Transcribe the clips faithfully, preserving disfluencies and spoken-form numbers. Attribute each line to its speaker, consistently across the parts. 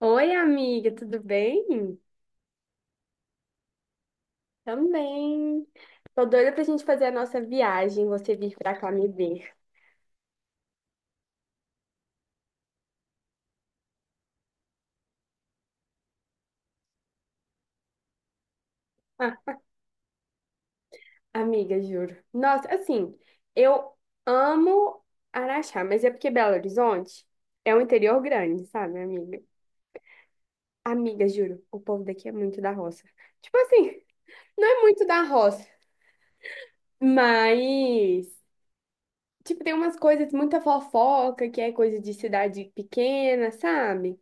Speaker 1: Oi, amiga, tudo bem? Também. Tô doida pra gente fazer a nossa viagem, você vir pra cá me ver. Ah, amiga, juro. Nossa, assim, eu amo Araxá, mas é porque Belo Horizonte é um interior grande, sabe, amiga? Amiga, juro, o povo daqui é muito da roça. Tipo assim, não é muito da roça, mas, tipo, tem umas coisas, muita fofoca, que é coisa de cidade pequena, sabe?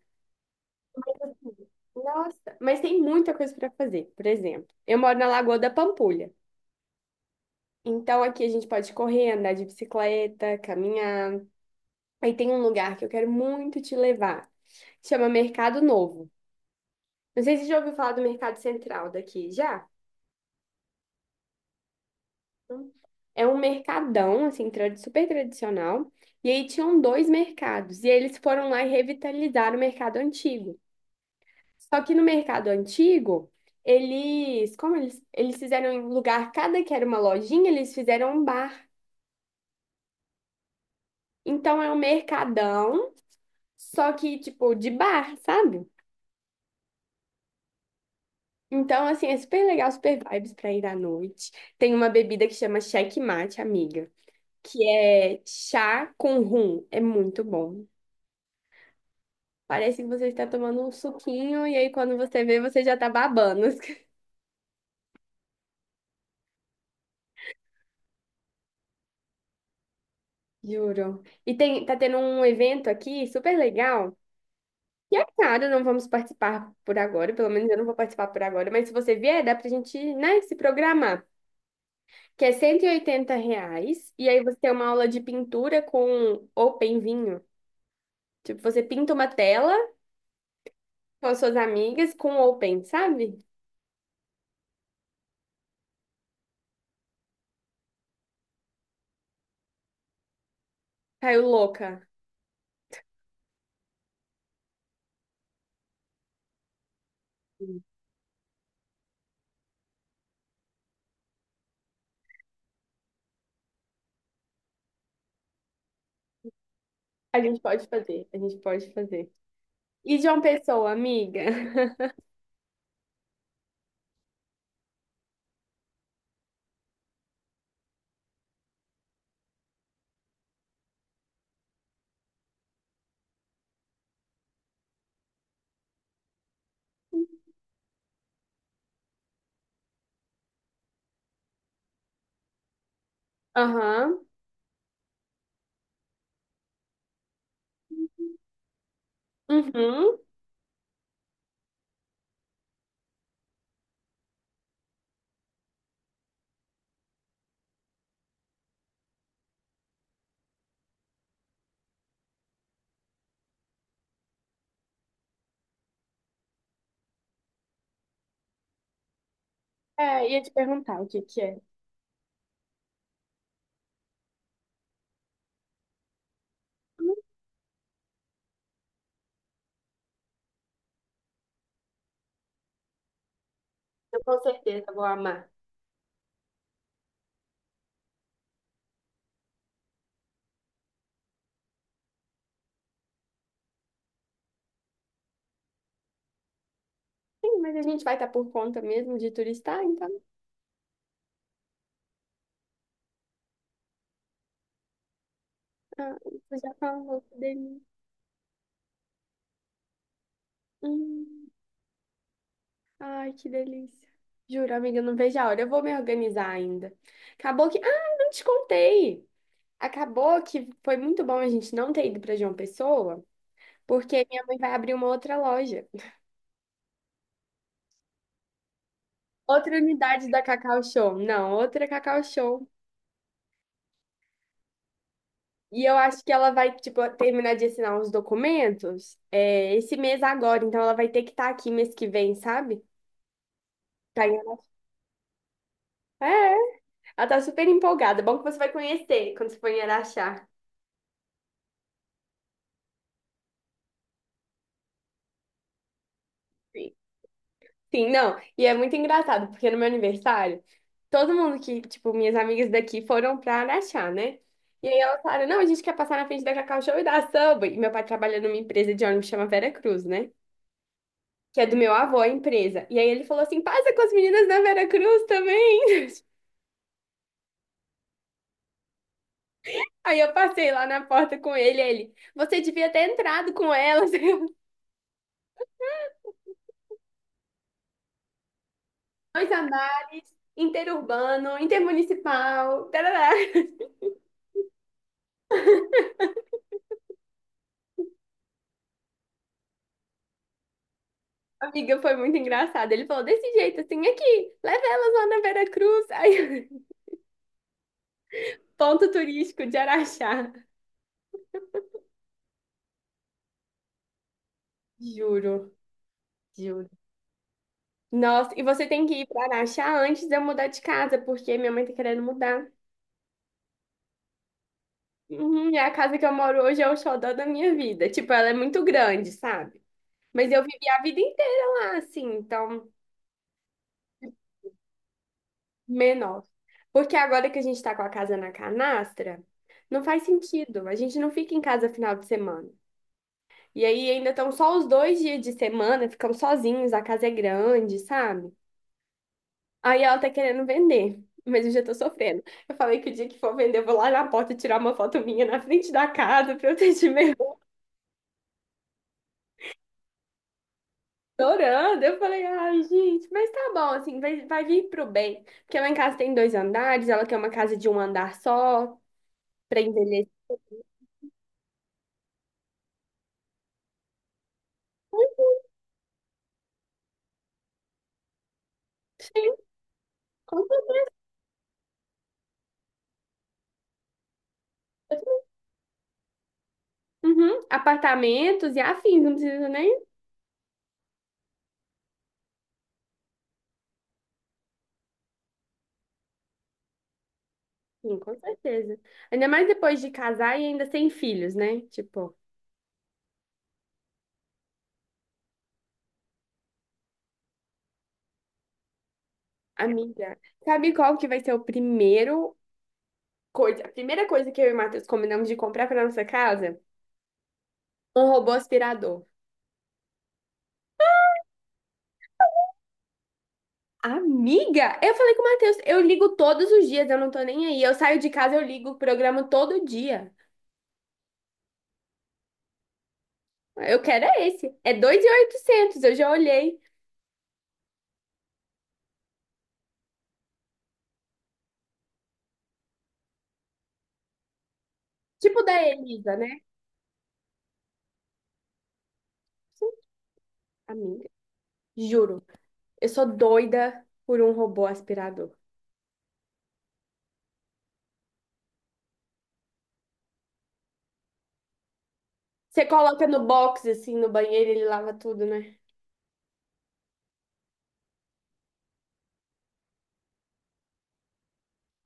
Speaker 1: Nossa, mas tem muita coisa para fazer. Por exemplo, eu moro na Lagoa da Pampulha. Então aqui a gente pode correr, andar de bicicleta, caminhar. Aí tem um lugar que eu quero muito te levar. Chama Mercado Novo. Não sei se você já ouviu falar do Mercado Central daqui, já? Não. É um mercadão, assim, trad- super tradicional. E aí tinham dois mercados. E eles foram lá e revitalizaram o mercado antigo. Só que no mercado antigo, eles, como eles, eles fizeram em lugar, cada que era uma lojinha, eles fizeram um bar. Então é um mercadão, só que tipo de bar, sabe? Então assim, é super legal, super vibes pra ir à noite. Tem uma bebida que chama Checkmate, amiga, que é chá com rum, é muito bom. Parece que você está tomando um suquinho e aí quando você vê, você já tá babando. Juro. E tem, tá tendo um evento aqui super legal. E é claro, não vamos participar por agora, pelo menos eu não vou participar por agora, mas se você vier, dá pra gente, né, se programar, que é R cento e oitenta reais, e aí você tem uma aula de pintura com open vinho. Tipo, você pinta uma tela com as suas amigas com open, sabe? Caiu louca. A gente pode fazer, a gente pode fazer. E de uma Pessoa, amiga? Aham, uhum. É, ia te perguntar o que que é. Eu com certeza vou amar. Sim, mas a gente vai estar por conta mesmo de turistar, então. Ah, você já falou que delícia. Hum, ai, que delícia. Juro, amiga, eu não vejo a hora. Eu vou me organizar ainda. Acabou que. Ah, não te contei. Acabou que foi muito bom a gente não ter ido para João Pessoa, porque minha mãe vai abrir uma outra loja. Outra unidade da Cacau Show. Não, outra Cacau Show. E eu acho que ela vai, tipo, terminar de assinar uns documentos, é, esse mês agora. Então ela vai ter que estar aqui mês que vem, sabe? Tá em- É, ela tá super empolgada. É bom que você vai conhecer quando você for em Araxá. Sim, sim, não. E é muito engraçado, porque no meu aniversário, todo mundo que, tipo, minhas amigas daqui foram pra Araxá, né? E aí elas falaram, não, a gente quer passar na frente da Cacau Show e da Subway. E meu pai trabalha numa empresa de ônibus que chama Vera Cruz, né? Que é do meu avô, a empresa. E aí ele falou assim, passa com as meninas da Vera Cruz também. Aí eu passei lá na porta com ele, aí ele, você devia ter entrado com elas. Dois andares, interurbano, intermunicipal, tarará. Amiga, foi muito engraçado. Ele falou desse jeito, assim, aqui, leva elas lá na Vera Cruz. Aí, ponto turístico de Araxá. Juro, juro. Nossa, e você tem que ir para Araxá antes de eu mudar de casa, porque minha mãe tá querendo mudar. Uhum, e a casa que eu moro hoje é o xodó da minha vida. Tipo, ela é muito grande, sabe? Mas eu vivi a vida inteira lá, assim, então menor. Porque agora que a gente tá com a casa na canastra, não faz sentido. A gente não fica em casa final de semana. E aí ainda estão só os dois dias de semana, ficamos sozinhos, a casa é grande, sabe? Aí ela tá querendo vender, mas eu já tô sofrendo. Eu falei que o dia que for vender, eu vou lá na porta tirar uma foto minha na frente da casa pra eu ter de me orando. Eu falei, ai, gente, mas tá bom, assim, vai, vai vir pro bem. Porque lá em casa tem dois andares, ela quer uma casa de um andar só, pra envelhecer. Sim, uhum, apartamentos e afins, não precisa nem. Sim, com certeza. Ainda mais depois de casar e ainda sem filhos, né? Tipo, amiga, sabe qual que vai ser o primeiro coisa, a primeira coisa que eu e o Matheus combinamos de comprar para nossa casa? Um robô aspirador. Amiga, eu falei com o Matheus, eu ligo todos os dias, eu não tô nem aí. Eu saio de casa, eu ligo o programa todo dia. Eu quero é esse. É dois mil e oitocentos, eu já olhei. Tipo da Elisa, né? Amiga, juro. Eu sou doida por um robô aspirador. Você coloca no box, assim, no banheiro, ele lava tudo, né?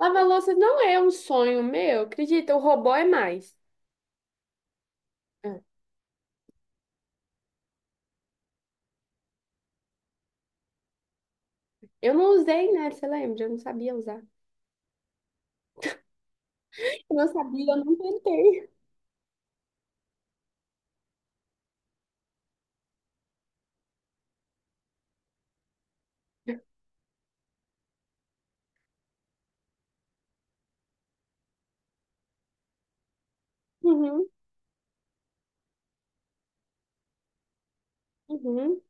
Speaker 1: Lavar louça não é um sonho meu, acredita, o robô é mais. Ah, eu não usei, né? Você lembra? Eu não sabia usar. Eu não sabia, eu não tentei. Uhum, uhum.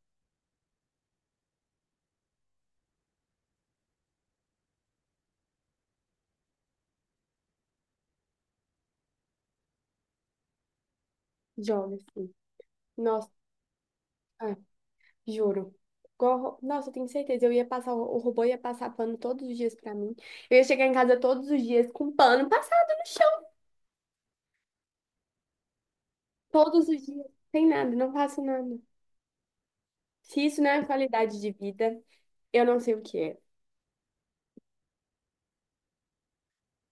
Speaker 1: Joga, assim. Nossa, ah, juro. Igual ro- nossa, eu tenho certeza. Eu ia passar, o o robô ia passar pano todos os dias pra mim. Eu ia chegar em casa todos os dias com pano passado no chão. Todos os dias. Sem nada, não faço nada. Se isso não é qualidade de vida, eu não sei o que é.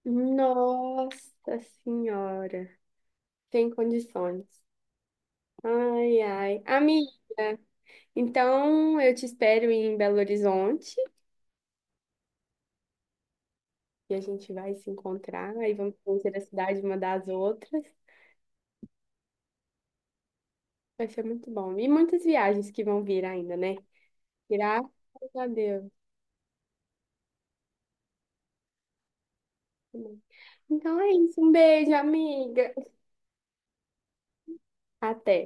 Speaker 1: Nossa Senhora, sem condições. Ai, ai. Amiga, então eu te espero em Belo Horizonte e a gente vai se encontrar e vamos conhecer a cidade uma das outras. Vai ser muito bom. E muitas viagens que vão vir ainda, né? Graças a Deus. Então é isso. Um beijo, amiga. Até.